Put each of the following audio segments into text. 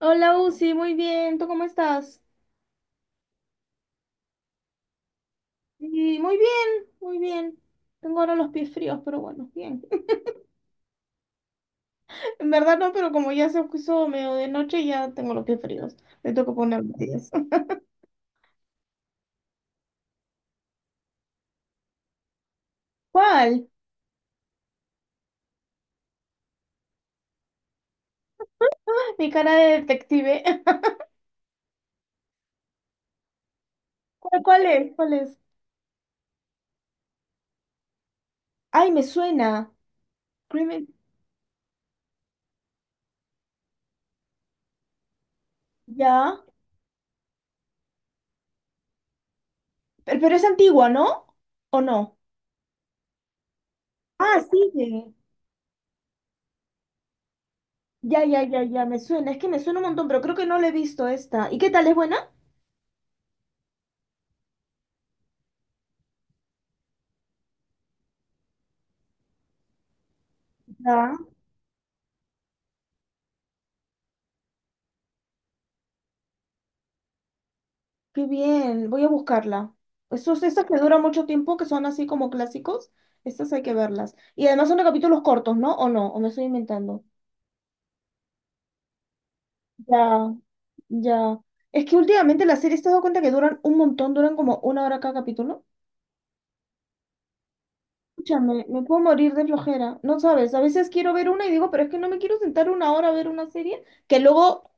Hola, Uzi, muy bien. ¿Tú cómo estás? Sí, muy bien, muy bien. Tengo ahora los pies fríos, pero bueno, bien. En verdad no, pero como ya se puso medio de noche, ya tengo los pies fríos. Me toca poner medias. ¿Cuál? Ah, mi cara de detective. ¿Cuál, cuál es? ¿Cuál es? Ay, me suena. Crimen- Ya. Pero es antigua, ¿no? ¿O no? Ah, sigue. Ya, ya, ya, ya, me suena. Es que me suena un montón, pero creo que no la he visto esta. ¿Y qué tal? ¿Es buena? Ya. Qué bien, voy a buscarla. Esos, esas que duran mucho tiempo, que son así como clásicos, estas hay que verlas. Y además son de capítulos cortos, ¿no? ¿O no? ¿O me estoy inventando? Ya, ya. Es que últimamente las series te has dado cuenta que duran un montón, duran como una hora cada capítulo. Escúchame, me puedo morir de flojera. No sabes, a veces quiero ver una y digo, pero es que no me quiero sentar una hora a ver una serie que luego...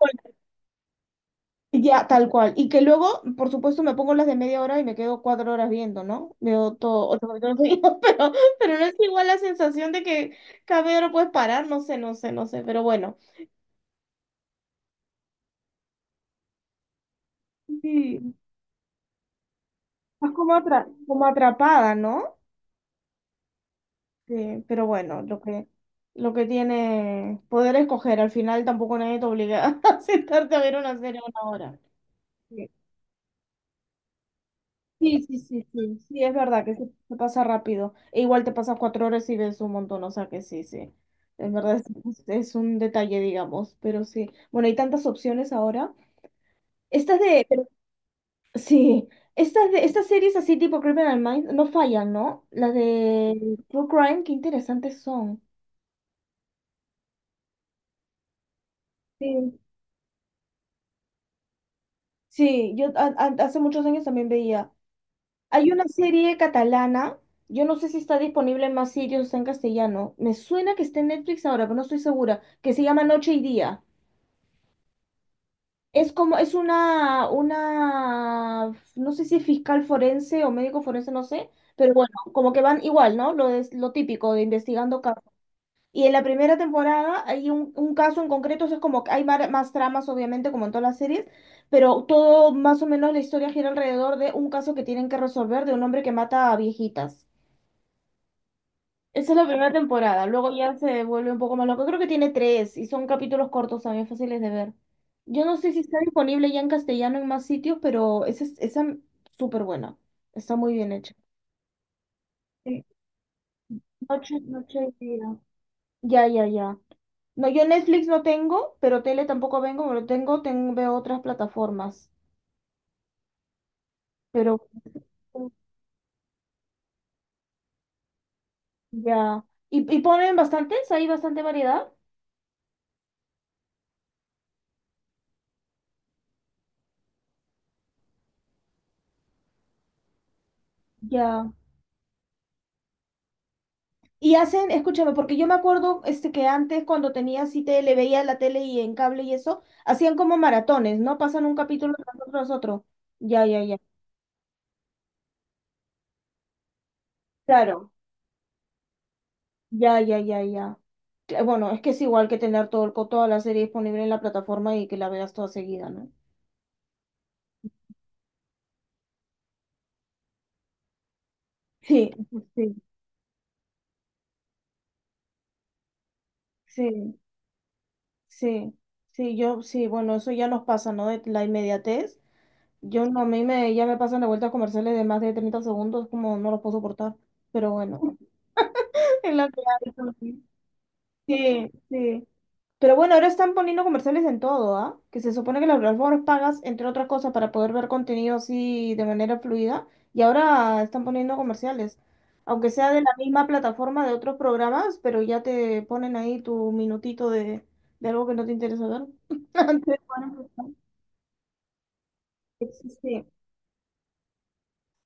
Ya, tal cual. Y que luego, por supuesto, me pongo las de media hora y me quedo 4 horas viendo, ¿no? Veo todo, ocho capítulos seguidos, pero no es igual la sensación de que cada media hora puedes parar, no sé, no sé, no sé, pero bueno. Sí, estás como, como atrapada, ¿no? Sí, pero bueno, lo que tiene poder escoger, al final tampoco nadie te obliga a sentarte a ver una serie una hora. Sí, sí, sí, sí, sí, es verdad que se pasa rápido. E igual te pasas 4 horas y ves un montón, o sea que sí, sí. Es verdad, es, es- un detalle, digamos, pero sí. Bueno, hay tantas opciones ahora. Estas de, pero... sí, estas de, estas series así tipo Criminal Minds no fallan, ¿no? Las de True Crime, qué interesantes son. Sí, sí, yo hace muchos años también veía. Hay una serie catalana, yo no sé si está disponible en más sitios, está en castellano. Me suena que está en Netflix ahora, pero no estoy segura, que se llama Noche y Día. Es como, es una, no sé si es fiscal forense o médico forense, no sé, pero bueno, como que van igual, ¿no? Lo, es, lo típico de investigando casos. Y en la primera temporada hay un caso en concreto, o sea, es como que hay más tramas, obviamente, como en todas las series, pero todo más o menos la historia gira alrededor de un caso que tienen que resolver de un hombre que mata a viejitas. Esa es la primera temporada, luego ya se vuelve un poco más loco. Creo que tiene tres y son capítulos cortos también fáciles de ver. Yo no sé si está disponible ya en castellano en más sitios, pero esa es esa súper buena. Está muy bien hecha. Sí, Noche y día. Ya, ya, ya. No, yo Netflix no tengo, pero tele tampoco vengo, pero tengo, tengo, veo otras plataformas. Pero ya. ¿Y ponen bastantes? ¿Hay bastante variedad? Ya. Y hacen, escúchame, porque yo me acuerdo este, que antes cuando tenía así tele, veía la tele y en cable y eso, hacían como maratones, ¿no? Pasan un capítulo tras otro, tras otro. Ya, ya, ya. Claro. Ya, ya, ya, ya. Bueno, es que es igual que tener todo el, toda la serie disponible en la plataforma y que la veas toda seguida, ¿no? Sí, sí, sí, sí, sí, yo, sí, bueno, eso ya nos pasa, ¿no? De la inmediatez. Yo no, a mí me, ya me pasan de vueltas comerciales de más de 30 segundos, como no los puedo soportar, pero bueno. En la playa. Sí, sí, sí. Pero bueno, ahora están poniendo comerciales en todo, ¿ah? Que se supone que las plataformas pagas, entre otras cosas, para poder ver contenido así de manera fluida. Y ahora están poniendo comerciales. Aunque sea de la misma plataforma de otros programas, pero ya te ponen ahí tu minutito de algo que no te interesa ver. Te ponen... Sí, sí,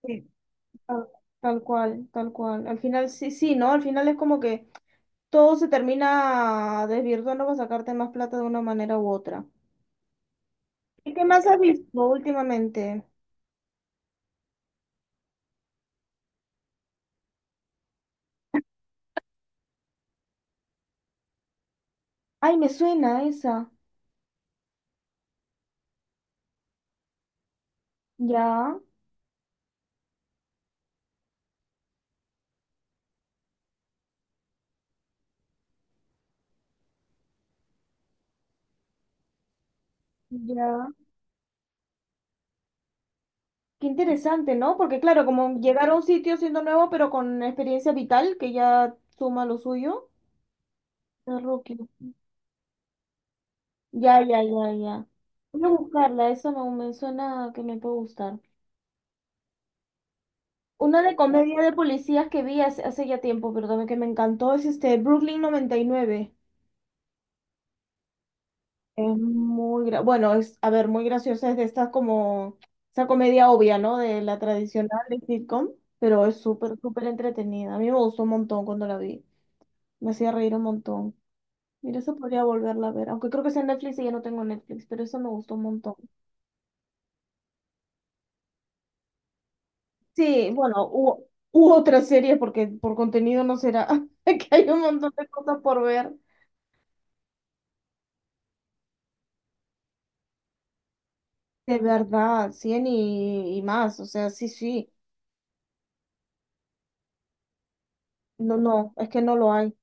sí. Tal, tal cual, tal cual. Al final, sí, sí, ¿no? Al final es como que todo se termina desvirtuando para sacarte más plata de una manera u otra. ¿Y qué más has visto últimamente? Ay, me suena esa. Ya, ya. Qué interesante, ¿no? Porque claro, como llegar a un sitio siendo nuevo, pero con experiencia vital, que ya suma lo suyo. De rookie. Ya, ya, ya, ya. Voy a buscarla, eso me suena que me puede gustar. Una de comedia de policías que vi hace ya tiempo, pero también que me encantó, es este Brooklyn 99. Es muy, bueno, es, a ver, muy graciosa, es de estas como, esa comedia obvia, ¿no? De la tradicional de sitcom, pero es súper, súper entretenida. A mí me gustó un montón cuando la vi, me hacía reír un montón. Mira, eso podría volverla a ver, aunque creo que sea en Netflix y ya no tengo Netflix, pero eso me gustó un montón. Sí, bueno, hubo, hubo otras series porque por contenido no será, que hay un montón de cosas por ver. De verdad, 100 y más, o sea, sí, sí, no, no, es que no lo hay.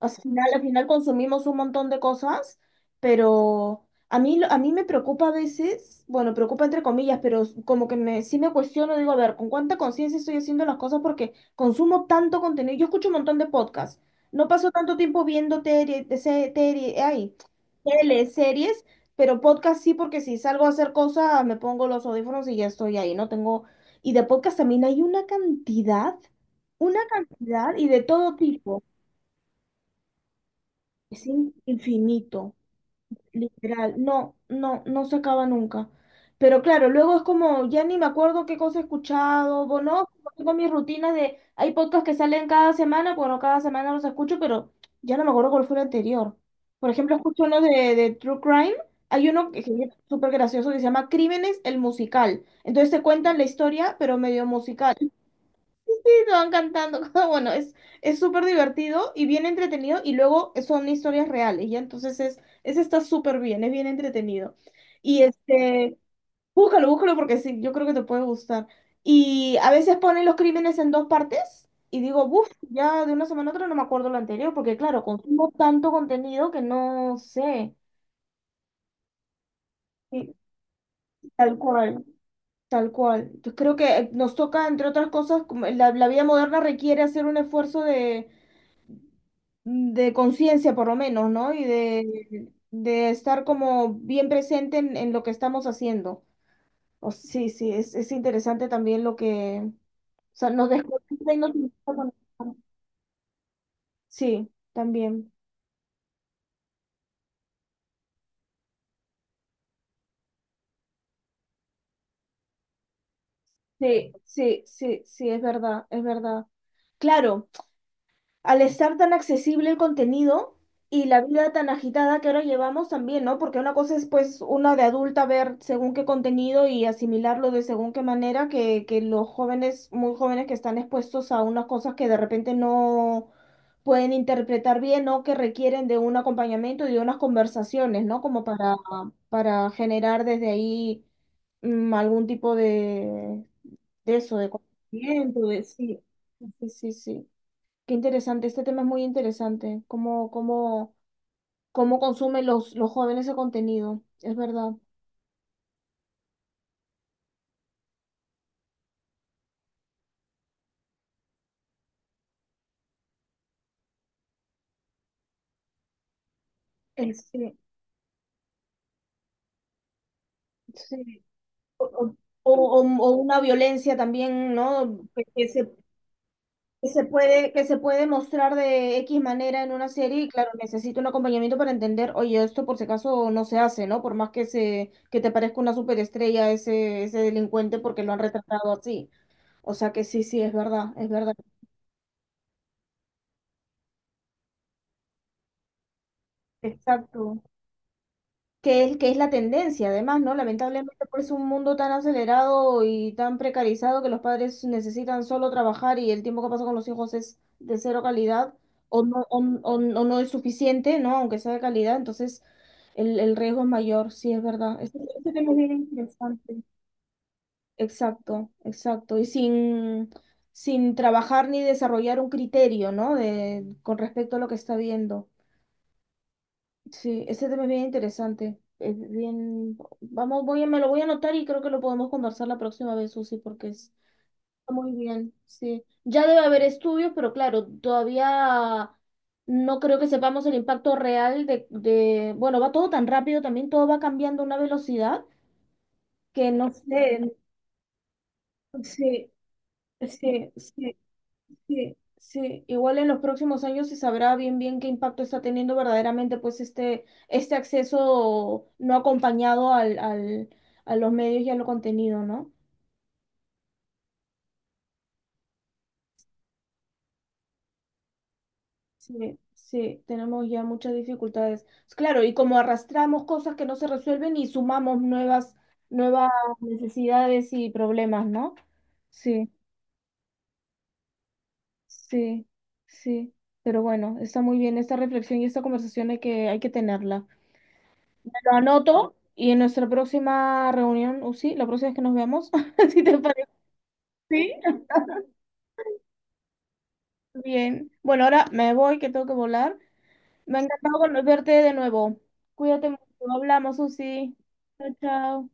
Al final, al final consumimos un montón de cosas, pero a mí, a mí me preocupa a veces, bueno, preocupa entre comillas, pero s- como que me, sí me cuestiono, digo, a ver, ¿con cuánta conciencia estoy haciendo las cosas? Porque consumo tanto contenido. Yo escucho un montón de podcasts. No paso tanto tiempo viendo tele, de tele, ay, tele, series, pero podcast sí, porque si salgo a hacer cosas, me pongo los audífonos y ya estoy ahí, no tengo... Y de podcast también hay una cantidad y de todo tipo. Es infinito, literal. No, no, no se acaba nunca. Pero claro, luego es como, ya ni me acuerdo qué cosa he escuchado, o no, como tengo mis rutinas de, hay podcasts que salen cada semana, bueno, cada semana los escucho, pero ya no me acuerdo cuál fue el anterior. Por ejemplo, escucho uno de True Crime, hay uno que es súper gracioso que se llama Crímenes, el musical. Entonces te cuentan la historia, pero medio musical me van cantando. Bueno, es súper divertido y bien entretenido y luego son historias reales, ¿ya? Entonces es, ese está súper bien, es bien entretenido. Y este, búscalo, búscalo porque sí, yo creo que te puede gustar. Y a veces ponen los crímenes en dos partes y digo, buf, ya de una semana a otra no me acuerdo lo anterior porque claro, consumo tanto contenido que no sé. Sí, tal cual, tal cual. Entonces creo que nos toca, entre otras cosas, como la vida moderna requiere hacer un esfuerzo de conciencia por lo menos, ¿no? Y de estar como bien presente en lo que estamos haciendo. O, sí, sí, es interesante también lo que, o sea, nos desconecta y nos conecta con... Sí, también. Sí, sí, sí, sí, es verdad, es verdad. Claro, al estar tan accesible el contenido y la vida tan agitada que ahora llevamos también, ¿no? Porque una cosa es pues una de adulta ver según qué contenido y asimilarlo de según qué manera que los jóvenes, muy jóvenes que están expuestos a unas cosas que de repente no pueden interpretar bien o que requieren de un acompañamiento y de unas conversaciones, ¿no? Como para generar desde ahí algún tipo de eso, de conocimiento, de sí, sí, sí, sí. Qué interesante, este tema es muy interesante, cómo, cómo, cómo consumen los jóvenes ese contenido, es verdad. Sí, sí. O, o, o, o una violencia también, ¿no? Que se puede mostrar de X manera en una serie y claro, necesita un acompañamiento para entender, oye, esto por si acaso no se hace, ¿no? Por más que, se, que te parezca una superestrella ese, ese delincuente porque lo han retratado así. O sea que sí, sí, es verdad, es verdad. Exacto, que es la tendencia, además, ¿no? Lamentablemente, por es un mundo tan acelerado y tan precarizado que los padres necesitan solo trabajar y el tiempo que pasa con los hijos es de cero calidad o no, o no es suficiente, ¿no? Aunque sea de calidad, entonces el riesgo es mayor, sí, es verdad. Este tema es bien interesante. Exacto, exacto. Y sin trabajar ni desarrollar un criterio, ¿no? De, con respecto a lo que está viendo. Sí, ese tema es bien interesante. Es bien, vamos, voy a, me lo voy a anotar y creo que lo podemos conversar la próxima vez, Susi, porque está muy bien. Sí, ya debe haber estudios, pero claro, todavía no creo que sepamos el impacto real de, bueno, va todo tan rápido, también todo va cambiando a una velocidad que no sé. Sí, sí, sí. Sí, sí, igual en los próximos años se sabrá bien bien qué impacto está teniendo verdaderamente pues este acceso no acompañado al, al, a los medios y a lo contenido, ¿no? Sí, sí, tenemos ya muchas dificultades. Claro, y como arrastramos cosas que no se resuelven y sumamos nuevas necesidades y problemas, ¿no? Sí, sí, sí. Pero bueno, está muy bien esta reflexión y esta conversación hay que tenerla. Lo anoto y en nuestra próxima reunión, o sí, la próxima vez que nos veamos, si te parece, sí. Bien. Bueno, ahora me voy, que tengo que volar. Me ha encantado verte de nuevo. Cuídate mucho. Hablamos, Susi. Chao, chao.